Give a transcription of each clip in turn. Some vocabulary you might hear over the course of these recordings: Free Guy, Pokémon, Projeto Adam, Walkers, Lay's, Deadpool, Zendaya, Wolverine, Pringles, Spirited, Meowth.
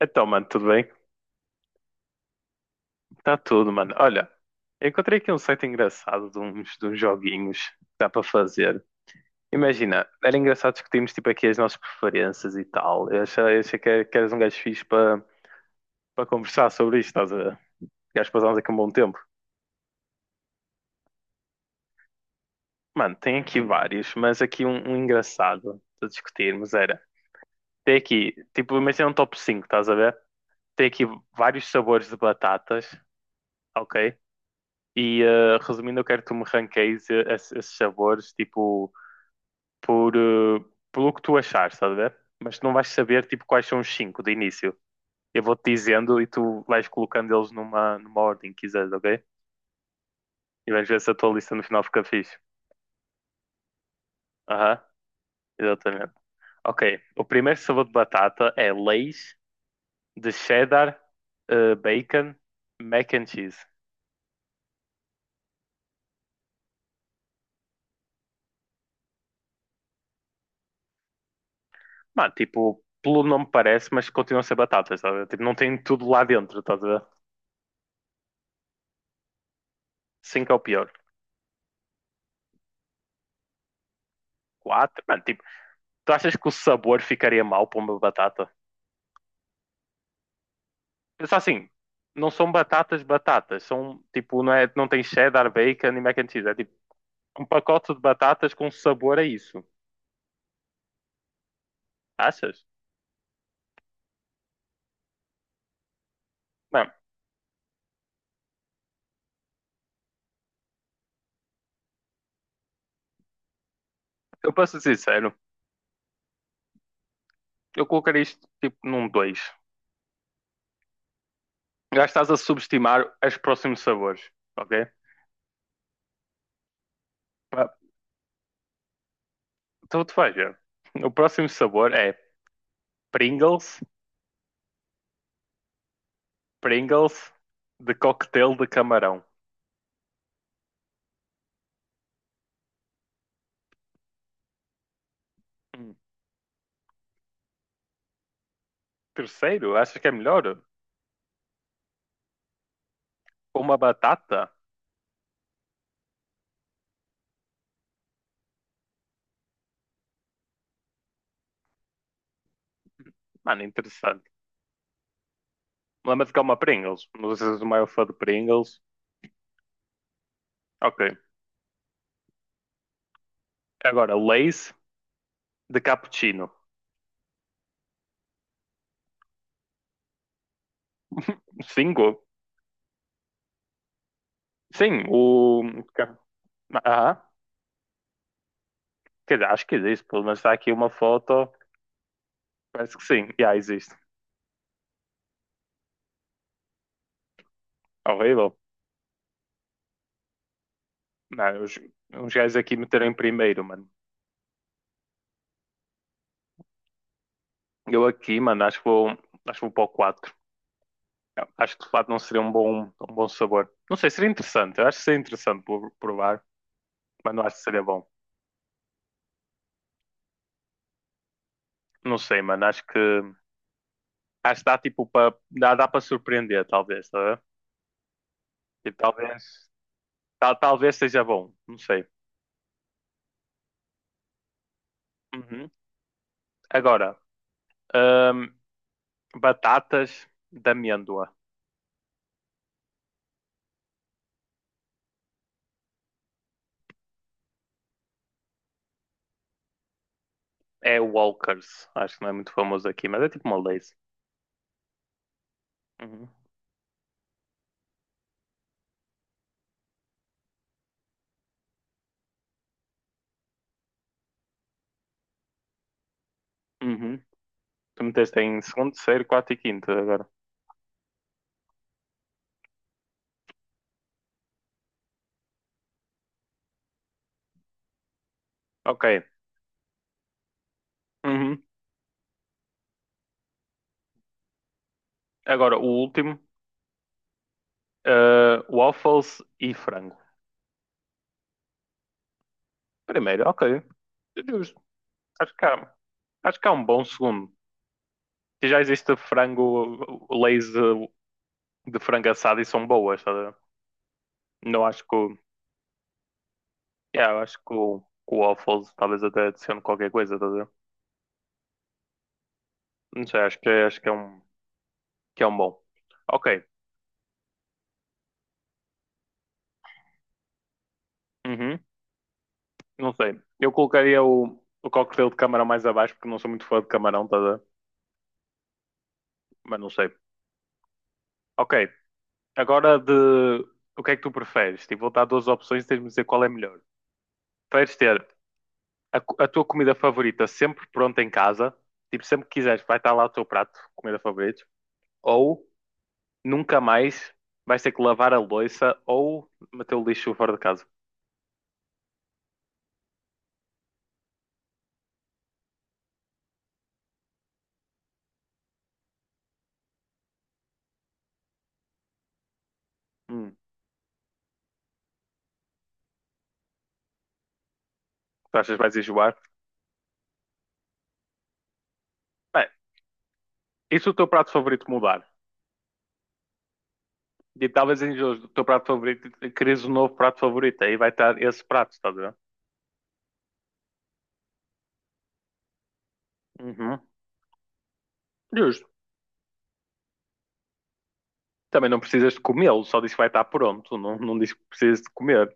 Então, mano, tudo bem? Tá tudo, mano. Olha, eu encontrei aqui um site engraçado de uns joguinhos que dá para fazer. Imagina, era engraçado discutirmos tipo aqui as nossas preferências e tal. Eu achei que eras um gajo fixe para conversar sobre isto, estás a ver? Gajo, passámos aqui um bom tempo. Mano, tem aqui vários, mas aqui um, engraçado para discutirmos era. Tem aqui, tipo, imagina um top 5, estás a ver? Tem aqui vários sabores de batatas, ok? E resumindo, eu quero que tu me ranqueies esses, sabores, tipo, por, eh, pelo que tu achar, estás a ver? Mas tu não vais saber, tipo, quais são os cinco de início. Eu vou-te dizendo e tu vais colocando eles numa ordem que quiseres, ok? E vamos ver se a tua lista no final fica fixe. Aham, uhum, exatamente. Ok, o primeiro sabor de batata é Lay's de cheddar, bacon, mac and cheese. Mano, tipo, pelo nome parece, mas continuam a ser batatas, estás a ver? Tipo, não tem tudo lá dentro, estás a ver? Cinco é o pior. Quatro. Mano, tipo, tu achas que o sabor ficaria mal para uma batata? Pensa assim, não são batatas batatas, são tipo, não é, não tem cheddar, bacon e mac and cheese, é tipo um pacote de batatas com sabor a isso. Achas? Não, eu posso ser sincero, eu colocaria isto tipo num dois. Já estás a subestimar os próximos sabores, ok? Ah, então tu vais ver. O próximo sabor é Pringles, Pringles, de coquetel de camarão. Hum. Terceiro, achas que é melhor? Uma batata. Mano, interessante. Lembra-te que é uma Pringles. Não sei se és o maior fã de Pringles. Ok. Agora, Lays de cappuccino. Cinco? Sim, o. Ah, quer dizer, acho que existe. Pelo menos está aqui uma foto. Parece que sim. Já existe. Horrível. Não, os, gajos aqui meteram em primeiro, mano. Eu aqui, mano, acho que vou, para o quatro. Acho que de fato não seria um bom sabor. Não sei, seria interessante. Eu acho que seria interessante provar, mas não acho que seria bom. Não sei, mano. Acho que dá tipo para dá para surpreender, talvez, tá a ver? Tipo, talvez talvez seja bom, não sei. Uhum. Agora, hum, batatas de amêndoa. É Walkers, acho que não é muito famoso aqui, mas é tipo uma Lay's. Uhum. Uhum. Tu meteste em segundo, terceiro, quarto e quinto agora. Ok. Uhum. Agora, o último, waffles e frango. Primeiro, ok. Justo. Acho que há, acho que há um bom segundo. Se já existe frango Lay's de frango assado e são boas, estás a ver? Não acho que. Yeah, eu acho que o, waffles talvez até adicione qualquer coisa, estás a ver? Não sei, acho que é um, bom. Ok, uhum, não sei. Eu colocaria o coquetel de camarão mais abaixo porque não sou muito fã de camarão, estás a ver? Mas não sei. Ok, agora de. O que é que tu preferes? Tipo, vou dar duas opções e tens-me de dizer qual é melhor. Preferes ter a tua comida favorita sempre pronta em casa, tipo, sempre que quiseres, vai estar lá o teu prato, comida favorita. Ou nunca mais vais ter que lavar a louça ou meter o lixo fora de casa. Hum, tu achas que vais enjoar? Bem, e se o teu prato favorito mudar? E talvez enjoes do teu prato favorito e queres um novo prato favorito. Aí vai estar esse prato, estás a ver? Uhum. Justo. Também não precisas de comê-lo, só diz que vai estar pronto. Não, não diz que precisas de comer.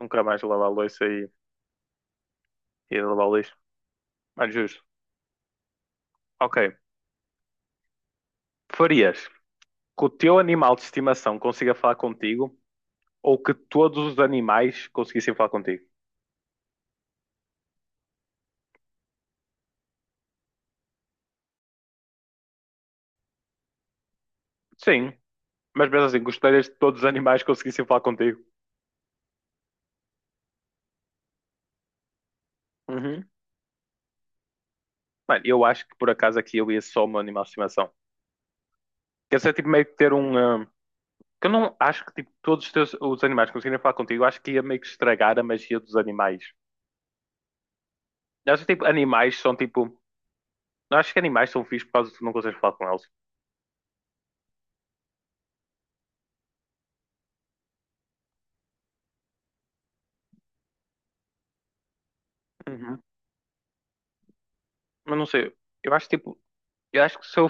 Nunca mais lavar a louça e lavar o lixo. Mas justo. Ok. Farias que o teu animal de estimação consiga falar contigo ou que todos os animais conseguissem falar contigo? Sim. Mas mesmo assim, gostarias de todos os animais conseguissem falar contigo. Uhum. Mano, eu acho que por acaso aqui eu ia só um animal de estimação. Quer dizer tipo meio que ter um. Que eu não acho que tipo, todos os animais conseguirem falar contigo, eu acho que ia meio que estragar a magia dos animais. Eu acho que tipo, animais são tipo. Eu acho que animais são fixos por causa de tu não consegues falar com eles. Uhum. Mas não sei. Eu acho tipo. Eu acho que se eu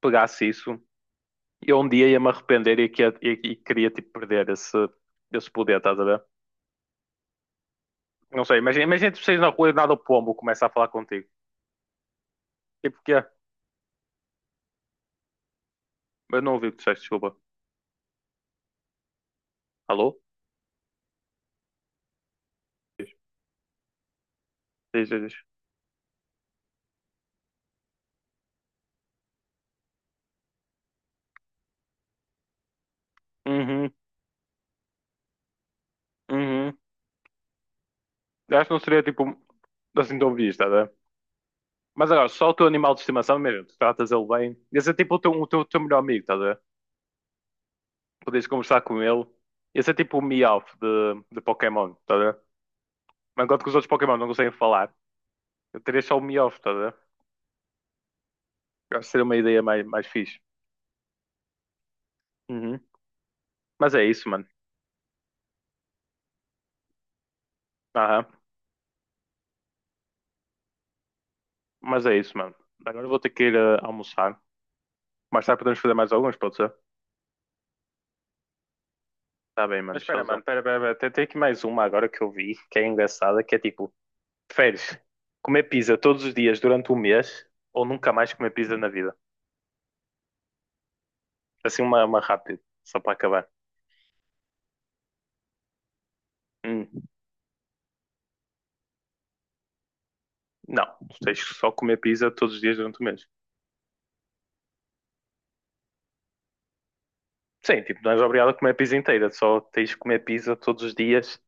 pegasse isso, eu um dia ia me arrepender e queria tipo perder esse, poder, estás a ver? Não sei, imagina tu saís na rua e nada o pombo começa a falar contigo. Tipo o que é? Eu não ouvi o que tu disseste, desculpa. Alô? Diz, diz, diz. Uhum, uhum. Eu acho que não seria tipo assim tão visto, tá a ver? Mas agora, só o teu animal de estimação mesmo, tu tratas ele bem. Ia ser tipo o teu, melhor amigo, tá a ver? Podias conversar com ele. Ia ser tipo o Meowth de Pokémon, tá a ver? Mas enquanto que os outros Pokémon não conseguem falar, eu teria só o Meowth, tá a ver? Eu acho que seria uma ideia mais fixe. Uhum. Mas é isso, mano. Aham. Mas é isso, mano. Agora eu vou ter que ir almoçar. Mais tarde podemos fazer mais alguns, pode ser? Tá bem, mano. Mas espera, Showzão, mano, Showzão. Espera, espera, espera. Tem aqui mais uma agora que eu vi, que é engraçada, que é tipo, preferes comer pizza todos os dias durante um mês ou nunca mais comer pizza na vida? Assim uma rápida, só para acabar. Hum, não, tu tens que só comer pizza todos os dias durante o mês. Sim, tipo, não és obrigado a comer pizza inteira, só tens que comer pizza todos os dias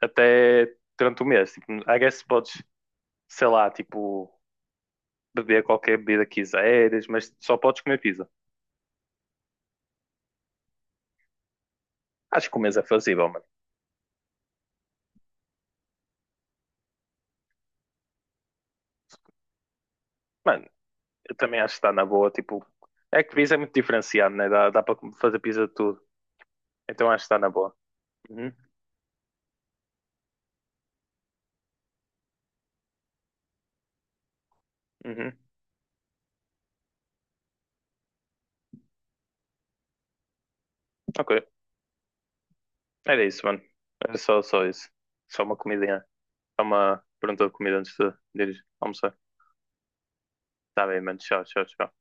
até durante o mês. Tipo, I guess podes, sei lá, tipo, beber qualquer bebida que quiseres, mas só podes comer pizza. Acho que o mês é fazível, mano. Mano, eu também acho que está na boa. Tipo, é que pizza é muito diferenciado, né? Dá para fazer pizza de tudo. Então acho que está na boa. Uhum, uhum. Ok. Era isso, mano. Era só, isso. Só uma comidinha. Só uma pergunta de comida antes de ir almoçar. Tá bem, mano. Tchau, tchau, tchau.